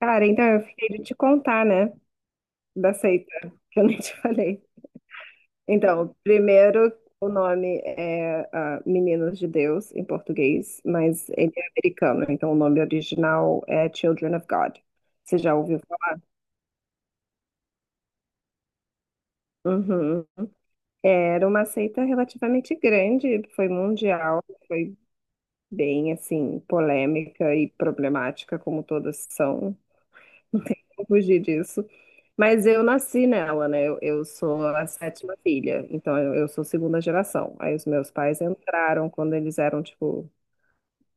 Cara, então eu fiquei de te contar, né, da seita, que eu nem te falei. Então, primeiro, o nome é Meninos de Deus, em português, mas ele é americano, então o nome original é Children of God. Você já ouviu falar? Uhum. Era uma seita relativamente grande, foi mundial, foi bem, assim, polêmica e problemática, como todas são. Não tem como fugir disso. Mas eu nasci nela, né? Eu sou a sétima filha, então eu sou segunda geração. Aí os meus pais entraram quando eles eram, tipo,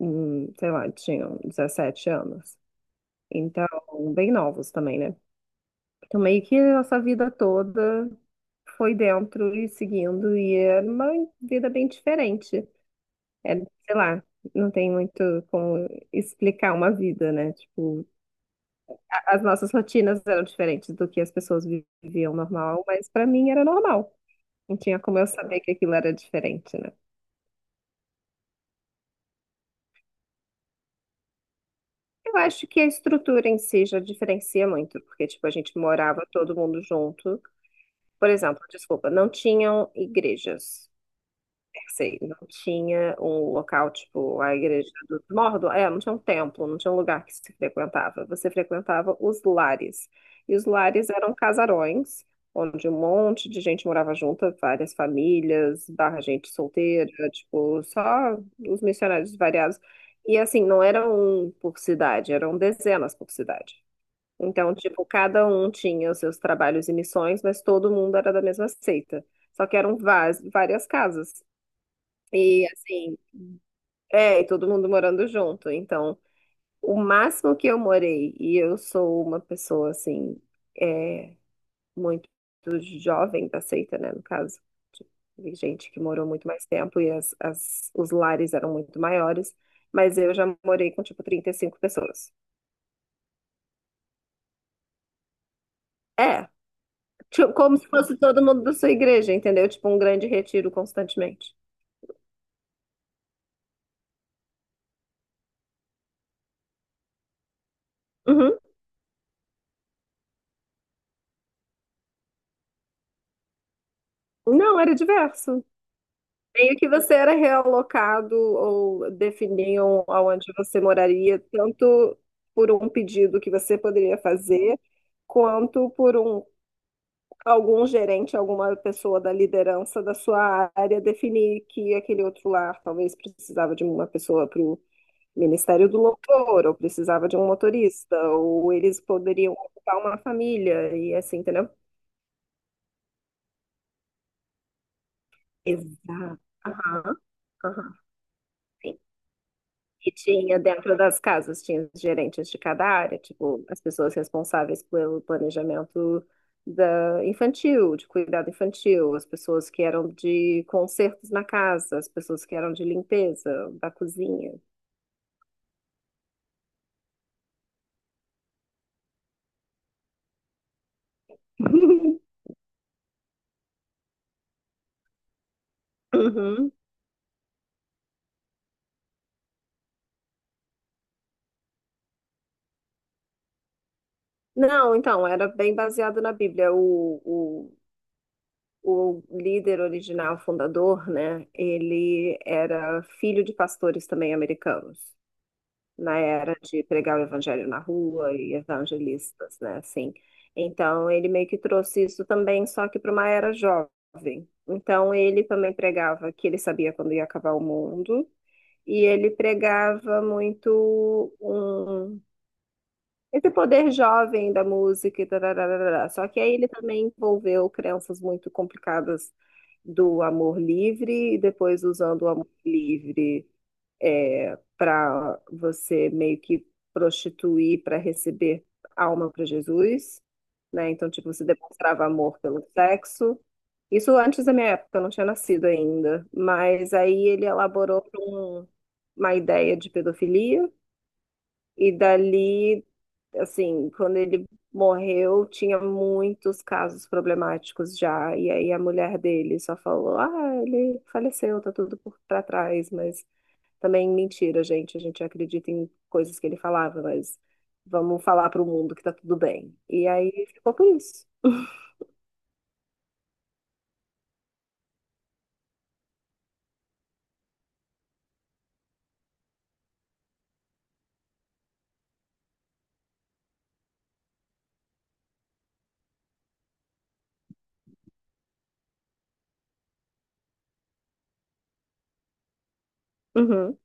sei lá, tinham 17 anos. Então, bem novos também, né? Então, meio que a nossa vida toda foi dentro e seguindo, e era uma vida bem diferente. É, sei lá, não tem muito como explicar uma vida, né? Tipo, as nossas rotinas eram diferentes do que as pessoas viviam normal, mas para mim era normal. Não tinha como eu saber que aquilo era diferente, né? Eu acho que a estrutura em si já diferencia muito, porque, tipo, a gente morava todo mundo junto. Por exemplo, desculpa, não tinham igrejas. Sei, não tinha um local tipo a igreja dos Mordo, é, não tinha um templo, não tinha um lugar que se frequentava. Você frequentava os lares. E os lares eram casarões, onde um monte de gente morava junta, várias famílias, barra gente solteira, tipo, só os missionários variados. E assim, não era um por cidade, eram dezenas por cidade. Então, tipo, cada um tinha os seus trabalhos e missões, mas todo mundo era da mesma seita. Só que eram várias casas. E assim, é, e todo mundo morando junto. Então, o máximo que eu morei, e eu sou uma pessoa assim, é, muito jovem da seita, né? No caso, de gente que morou muito mais tempo e os lares eram muito maiores, mas eu já morei com tipo 35 pessoas. É, tipo, como se fosse todo mundo da sua igreja, entendeu? Tipo um grande retiro constantemente. Uhum. Não, era diverso. Meio que você era realocado ou definiam aonde você moraria, tanto por um pedido que você poderia fazer, quanto por um, algum gerente, alguma pessoa da liderança da sua área definir que aquele outro lar talvez precisava de uma pessoa para o Ministério do Louvor, ou precisava de um motorista, ou eles poderiam ocupar uma família, e assim, entendeu? Exato. Aham, aham. E tinha dentro das casas, tinha os gerentes de cada área, tipo, as pessoas responsáveis pelo planejamento da infantil, de cuidado infantil, as pessoas que eram de consertos na casa, as pessoas que eram de limpeza da cozinha. Uhum. Não, então, era bem baseado na Bíblia. O líder original, fundador, né? Ele era filho de pastores também americanos. Na era de pregar o evangelho na rua e evangelistas, né? Assim. Então, ele meio que trouxe isso também, só que para uma era jovem. Então, ele também pregava que ele sabia quando ia acabar o mundo, e ele pregava muito um, esse poder jovem da música e tarararará. Só que aí ele também envolveu crenças muito complicadas do amor livre e depois usando o amor livre para você meio que prostituir para receber alma para Jesus, né? Então, tipo, você demonstrava amor pelo sexo. Isso antes da minha época, eu não tinha nascido ainda, mas aí ele elaborou uma ideia de pedofilia e dali, assim, quando ele morreu, tinha muitos casos problemáticos já, e aí a mulher dele só falou: "Ah, ele faleceu, tá tudo por para trás", mas também mentira, gente. A gente acredita em coisas que ele falava, mas vamos falar para o mundo que tá tudo bem. E aí ficou por isso. Uhum.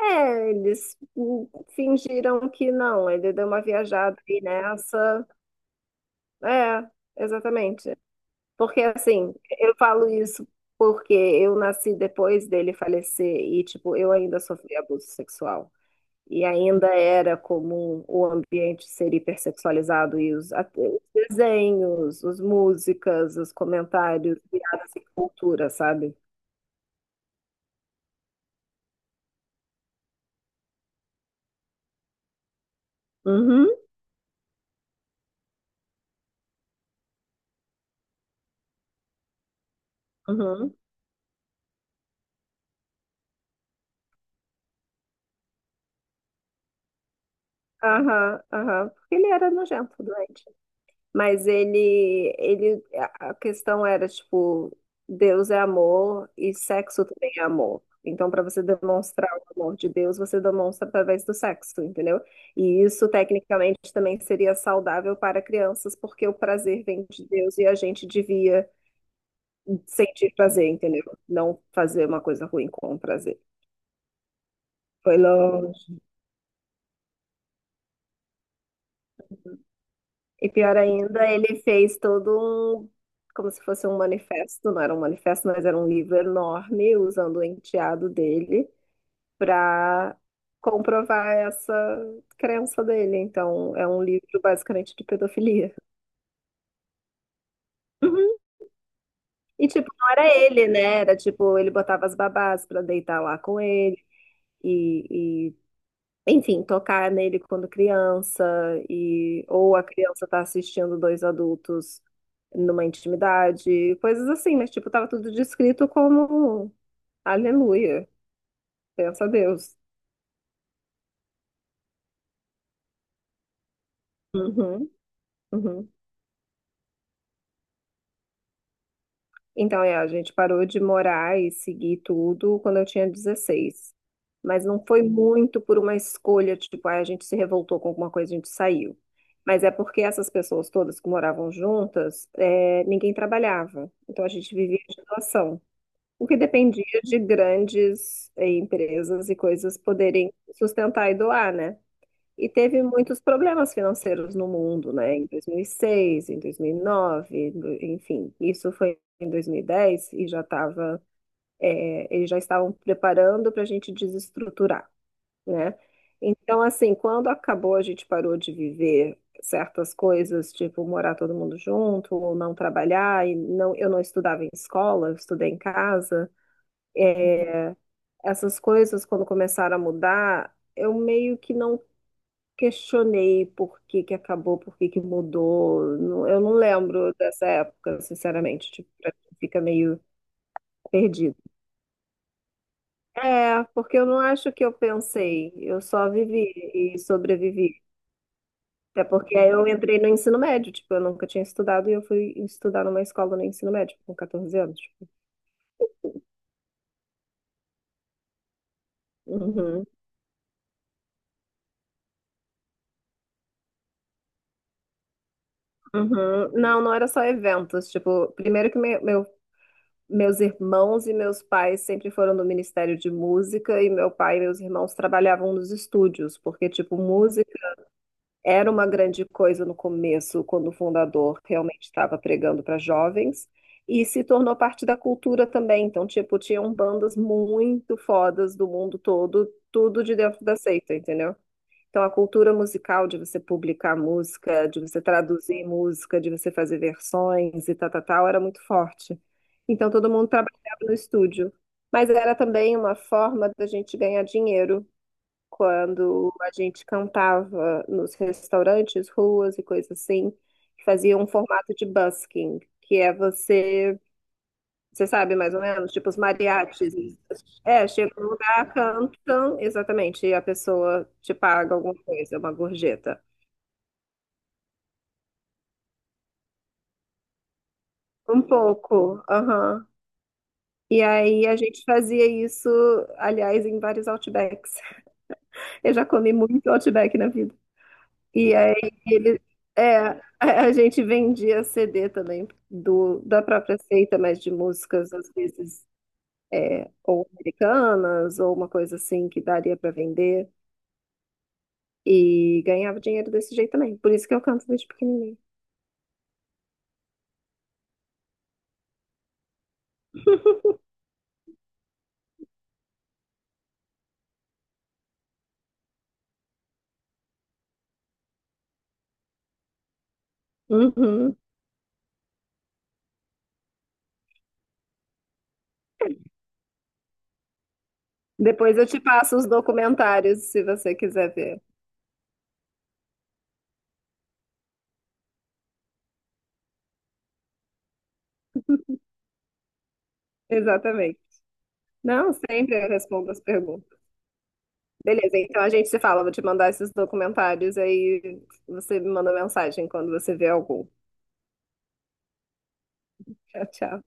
É, eles fingiram que não. Ele deu uma viajada aí nessa. É, exatamente. Porque assim, eu falo isso porque eu nasci depois dele falecer e, tipo, eu ainda sofri abuso sexual. E ainda era comum o ambiente ser hipersexualizado e os, até os desenhos, as músicas, os comentários, piadas e cultura, sabe? Uhum, uhum. Aham, aham. Porque ele era nojento, doente. Mas a questão era tipo, Deus é amor e sexo também é amor. Então, para você demonstrar o amor de Deus, você demonstra através do sexo, entendeu? E isso, tecnicamente, também seria saudável para crianças, porque o prazer vem de Deus e a gente devia sentir prazer, entendeu? Não fazer uma coisa ruim com o prazer. Foi longe. E pior ainda, ele fez todo um, como se fosse um manifesto, não era um manifesto, mas era um livro enorme, usando o enteado dele para comprovar essa crença dele. Então, é um livro basicamente de pedofilia. Uhum. E tipo, não era ele, né? Era tipo, ele botava as babás para deitar lá com ele. E, enfim, tocar nele quando criança e ou a criança tá assistindo dois adultos numa intimidade, coisas assim, mas tipo, tava tudo descrito como aleluia, pensa a Deus. Uhum, uhum. Então, é, a gente parou de morar e seguir tudo quando eu tinha 16. Mas não foi muito por uma escolha, tipo, ah, a gente se revoltou com alguma coisa, a gente saiu. Mas é porque essas pessoas todas que moravam juntas, é, ninguém trabalhava. Então a gente vivia de doação. O que dependia de grandes, empresas e coisas poderem sustentar e doar, né? E teve muitos problemas financeiros no mundo, né? Em 2006, em 2009, enfim, isso foi em 2010 e dez e já estava, eles já estavam preparando para a gente desestruturar, né? Então, assim, quando acabou, a gente parou de viver certas coisas, tipo morar todo mundo junto, ou não trabalhar, e não, eu não estudava em escola, eu estudei em casa. É, essas coisas, quando começaram a mudar, eu meio que não questionei por que que acabou, por que que mudou. Eu não lembro dessa época, sinceramente. Tipo, pra mim fica meio perdido. É, porque eu não acho que eu pensei. Eu só vivi e sobrevivi. Até porque aí eu entrei no ensino médio, tipo, eu nunca tinha estudado e eu fui estudar numa escola no ensino médio com 14 anos. Tipo. Uhum, uhum. Não, não era só eventos. Tipo, primeiro que meu meus irmãos e meus pais sempre foram do Ministério de Música e meu pai e meus irmãos trabalhavam nos estúdios, porque, tipo, música era uma grande coisa no começo, quando o fundador realmente estava pregando para jovens, e se tornou parte da cultura também. Então, tipo, tinham bandas muito fodas do mundo todo, tudo de dentro da seita, entendeu? Então, a cultura musical de você publicar música, de você traduzir música, de você fazer versões e tal, tal, tal, era muito forte. Então, todo mundo trabalhava no estúdio. Mas era também uma forma da gente ganhar dinheiro quando a gente cantava nos restaurantes, ruas e coisas assim, que fazia um formato de busking, que é você sabe mais ou menos? Tipo os mariachis. É, chega no lugar, cantam, exatamente, e a pessoa te paga alguma coisa, uma gorjeta. Um pouco, aham. E aí a gente fazia isso, aliás, em vários Outbacks. Eu já comi muito Outback na vida. E aí ele, é, a gente vendia CD também do, da própria seita, mas de músicas, às vezes, é, ou americanas, ou uma coisa assim que daria para vender. E ganhava dinheiro desse jeito também. Por isso que eu canto desde pequenininha. Uhum. Depois eu te passo os documentários, se você quiser ver. Exatamente. Não, sempre eu respondo as perguntas. Beleza, então a gente se fala. Vou te mandar esses documentários, aí você me manda mensagem quando você vê algum. Tchau, tchau.